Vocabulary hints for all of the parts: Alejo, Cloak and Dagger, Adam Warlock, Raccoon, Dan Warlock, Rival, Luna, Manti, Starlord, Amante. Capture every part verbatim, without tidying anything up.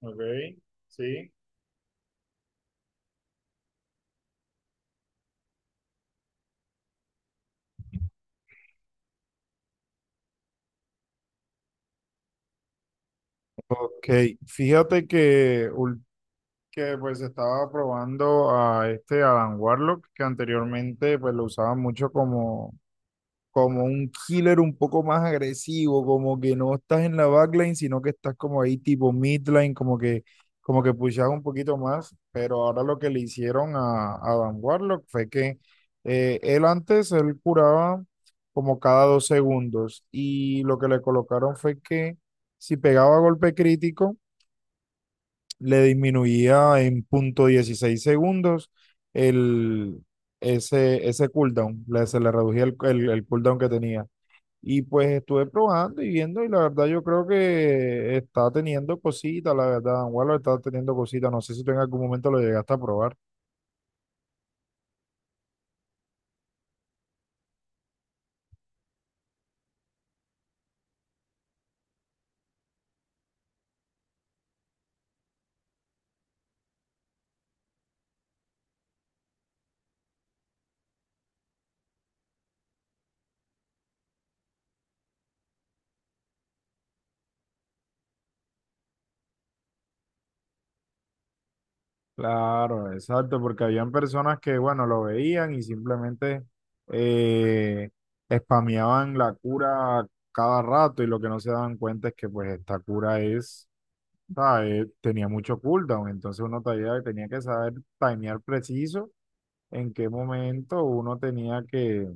Ok, sí. Ok, fíjate que, ul- que pues estaba probando a este Adam Warlock, que anteriormente pues lo usaban mucho como como un killer un poco más agresivo, como que no estás en la backline, sino que estás como ahí tipo midline, como que, como que pushas un poquito más, pero ahora lo que le hicieron a, a Dan Warlock fue que eh, él antes, él curaba como cada dos segundos y lo que le colocaron fue que si pegaba golpe crítico, le disminuía en punto dieciséis segundos el... Ese, ese cooldown, le- se le reducía el el- el cooldown que tenía. Y pues estuve probando y viendo y la verdad yo creo que está teniendo cositas, la verdad, Angulo está teniendo cositas, no sé si tú en algún momento lo llegaste a probar. Claro, exacto, porque habían personas que, bueno, lo veían y simplemente eh, spameaban la cura cada rato y lo que no se daban cuenta es que pues esta cura es, ¿sabes? Tenía mucho cooldown, entonces uno tenía, tenía que saber timear preciso en qué momento uno tenía que,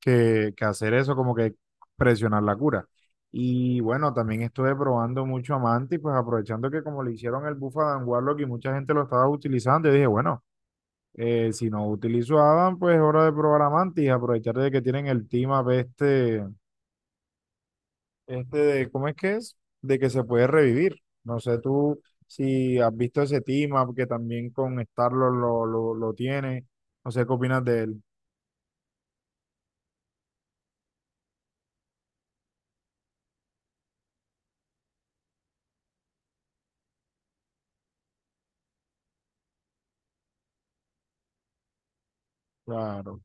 que, que hacer eso, como que presionar la cura. Y bueno, también estuve probando mucho Amante y pues aprovechando que como le hicieron el buff a Adam Warlock y mucha gente lo estaba utilizando, yo dije, bueno, eh, si no utilizo a Adam, pues es hora de probar Amante y aprovechar de que tienen el team up este, este de, ¿cómo es que es? De que se puede revivir. No sé tú si has visto ese team up que también con Starlord lo, lo, lo tiene. No sé qué opinas de él. Claro.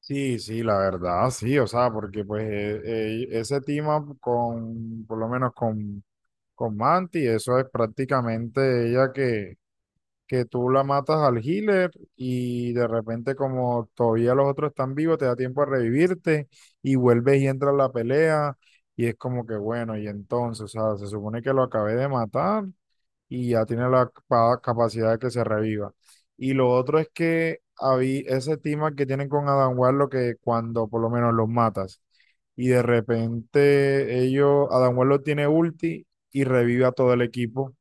Sí, sí, la verdad, sí, o sea, porque pues eh, eh, ese team up con, por lo menos con, con Manti, eso es prácticamente ella que, que tú la matas al healer y de repente como todavía los otros están vivos, te da tiempo a revivirte y vuelves y entras a la pelea y es como que bueno, y entonces, o sea, se supone que lo acabé de matar y ya tiene la capa- capacidad de que se reviva. Y lo otro es que había ese tema que tienen con Adam Warlock que cuando por lo menos los matas y de repente ellos, Adam Warlock tiene ulti y revive a todo el equipo.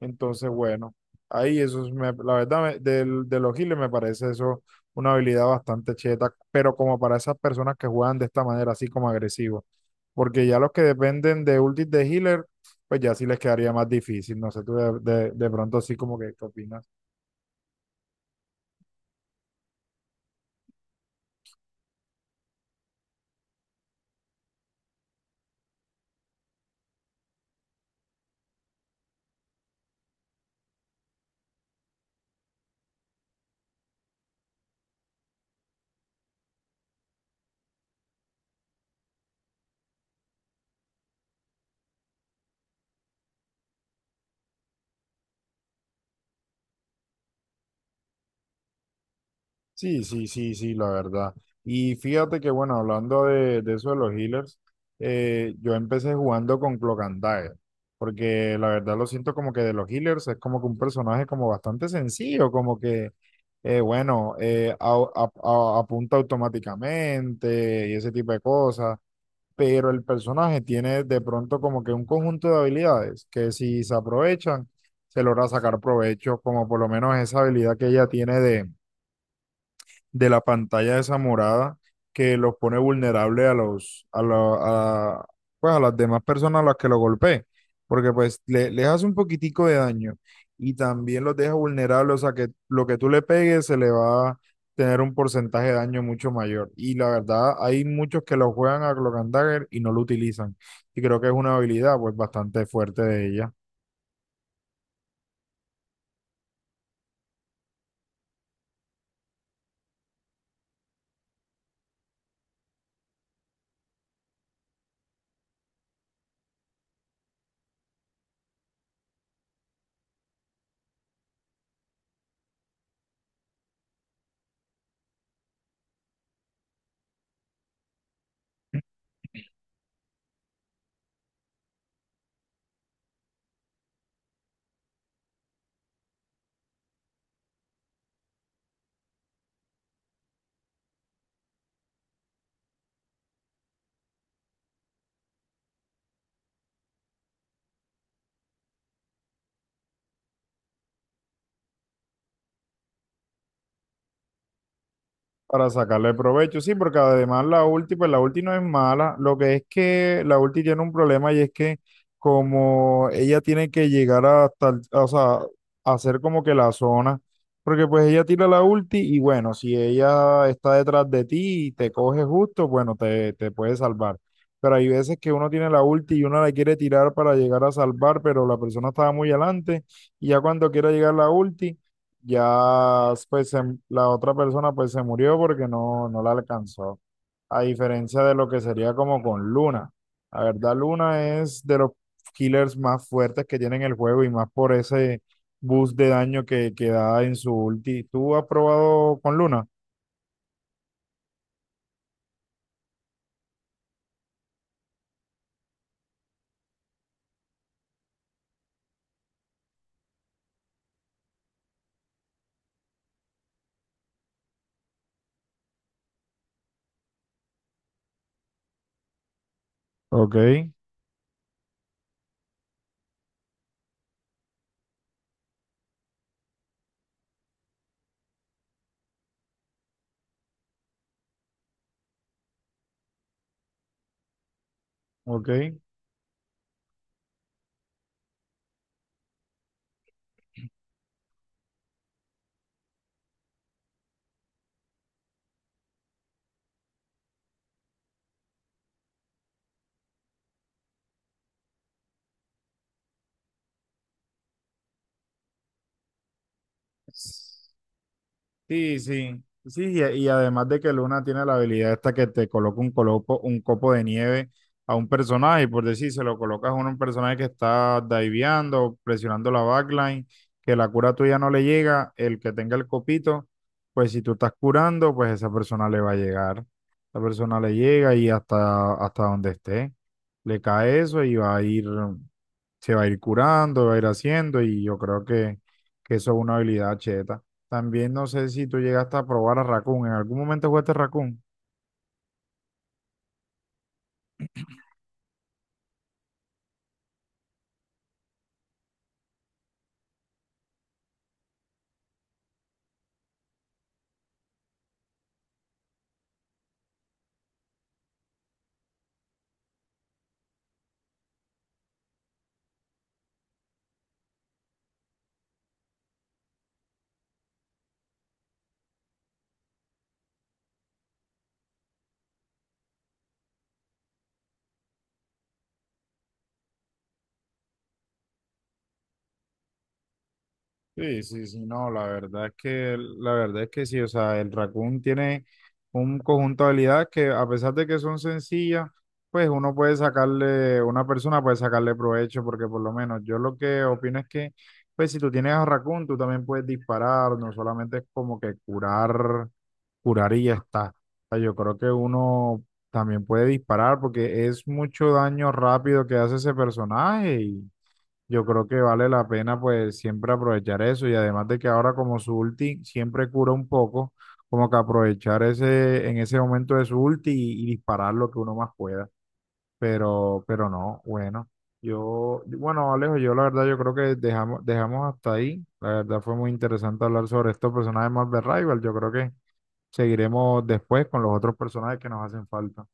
Entonces, bueno, ahí eso es, me- la verdad, me- del- de los healers me parece eso una habilidad bastante cheta, pero como para esas personas que juegan de esta manera, así como agresivo porque ya los que dependen de ultis de healer, pues ya sí les quedaría más difícil. No sé, tú de, de- de pronto sí como que ¿qué opinas? Sí, sí, sí, sí, la verdad. Y fíjate que bueno, hablando de, de eso de los healers, eh, yo empecé jugando con Cloak and Dagger, porque la verdad lo siento como que de los healers es como que un personaje como bastante sencillo, como que eh, bueno, eh, au- a- a- apunta automáticamente y ese tipo de cosas pero el personaje tiene de pronto como que un conjunto de habilidades que si se aprovechan, se logra sacar provecho, como por lo menos esa habilidad que ella tiene de de la pantalla esa morada que los pone vulnerable a los, a la, a, pues a las demás personas a las que lo golpee, porque pues le- les hace un poquitico de daño y también los deja vulnerables, o sea que lo que tú le pegues se le va a tener un porcentaje de daño mucho mayor. Y la verdad, hay muchos que lo juegan a Cloak and Dagger y no lo utilizan. Y creo que es una habilidad pues bastante fuerte de ella. Para sacarle provecho, sí, porque además la ulti, pues la ulti no es mala, lo que es que la ulti tiene un problema y es que como ella tiene que llegar hasta, el- o sea, hacer como que la zona, porque pues ella tira la ulti y bueno, si ella está detrás de ti y te coge justo, bueno, te, te puede salvar. Pero hay veces que uno tiene la ulti y uno la quiere tirar para llegar a salvar, pero la persona estaba muy adelante y ya cuando quiera llegar la ulti ya, pues se- la otra persona pues se murió porque no, no la alcanzó. A diferencia de lo que sería como con Luna. La verdad, Luna es de los killers más fuertes que tiene en el juego y más por ese boost de daño que, que da en su ulti. ¿Tú has probado con Luna? Ok, ok. Sí, sí, sí, y, y además de que Luna tiene la habilidad esta que te coloca un, coloco, un copo de nieve a un personaje, y por decir, se lo colocas a un un personaje que está diveando, presionando la backline, que la cura tuya no le llega, el que tenga el copito, pues si tú estás curando, pues esa persona le va a llegar, esa persona le llega y hasta, hasta donde esté, le cae eso y va a ir, se va a ir curando, va a ir haciendo, y yo creo que, que eso es una habilidad cheta. También no sé si tú llegaste a probar a Raccoon. ¿En algún momento jugaste Raccoon? Sí, sí, sí. No, la verdad es que, la verdad es que sí, o sea, el Raccoon tiene un conjunto de habilidades que a pesar de que son sencillas, pues uno puede sacarle, una persona puede sacarle provecho, porque por lo menos yo lo que opino es que, pues si tú tienes a Raccoon, tú también puedes disparar, no solamente es como que curar curar y ya está. O sea, yo creo que uno también puede disparar porque es mucho daño rápido que hace ese personaje y yo creo que vale la pena pues siempre aprovechar eso y además de que ahora como su ulti siempre cura un poco, como que aprovechar ese en ese momento de su ulti y, y disparar lo que uno más pueda. Pero, pero no, bueno. Yo, bueno, Alejo, yo la verdad yo creo que dejamos, dejamos hasta ahí. La verdad fue muy interesante hablar sobre estos personajes más de Rival. Yo creo que seguiremos después con los otros personajes que nos hacen falta.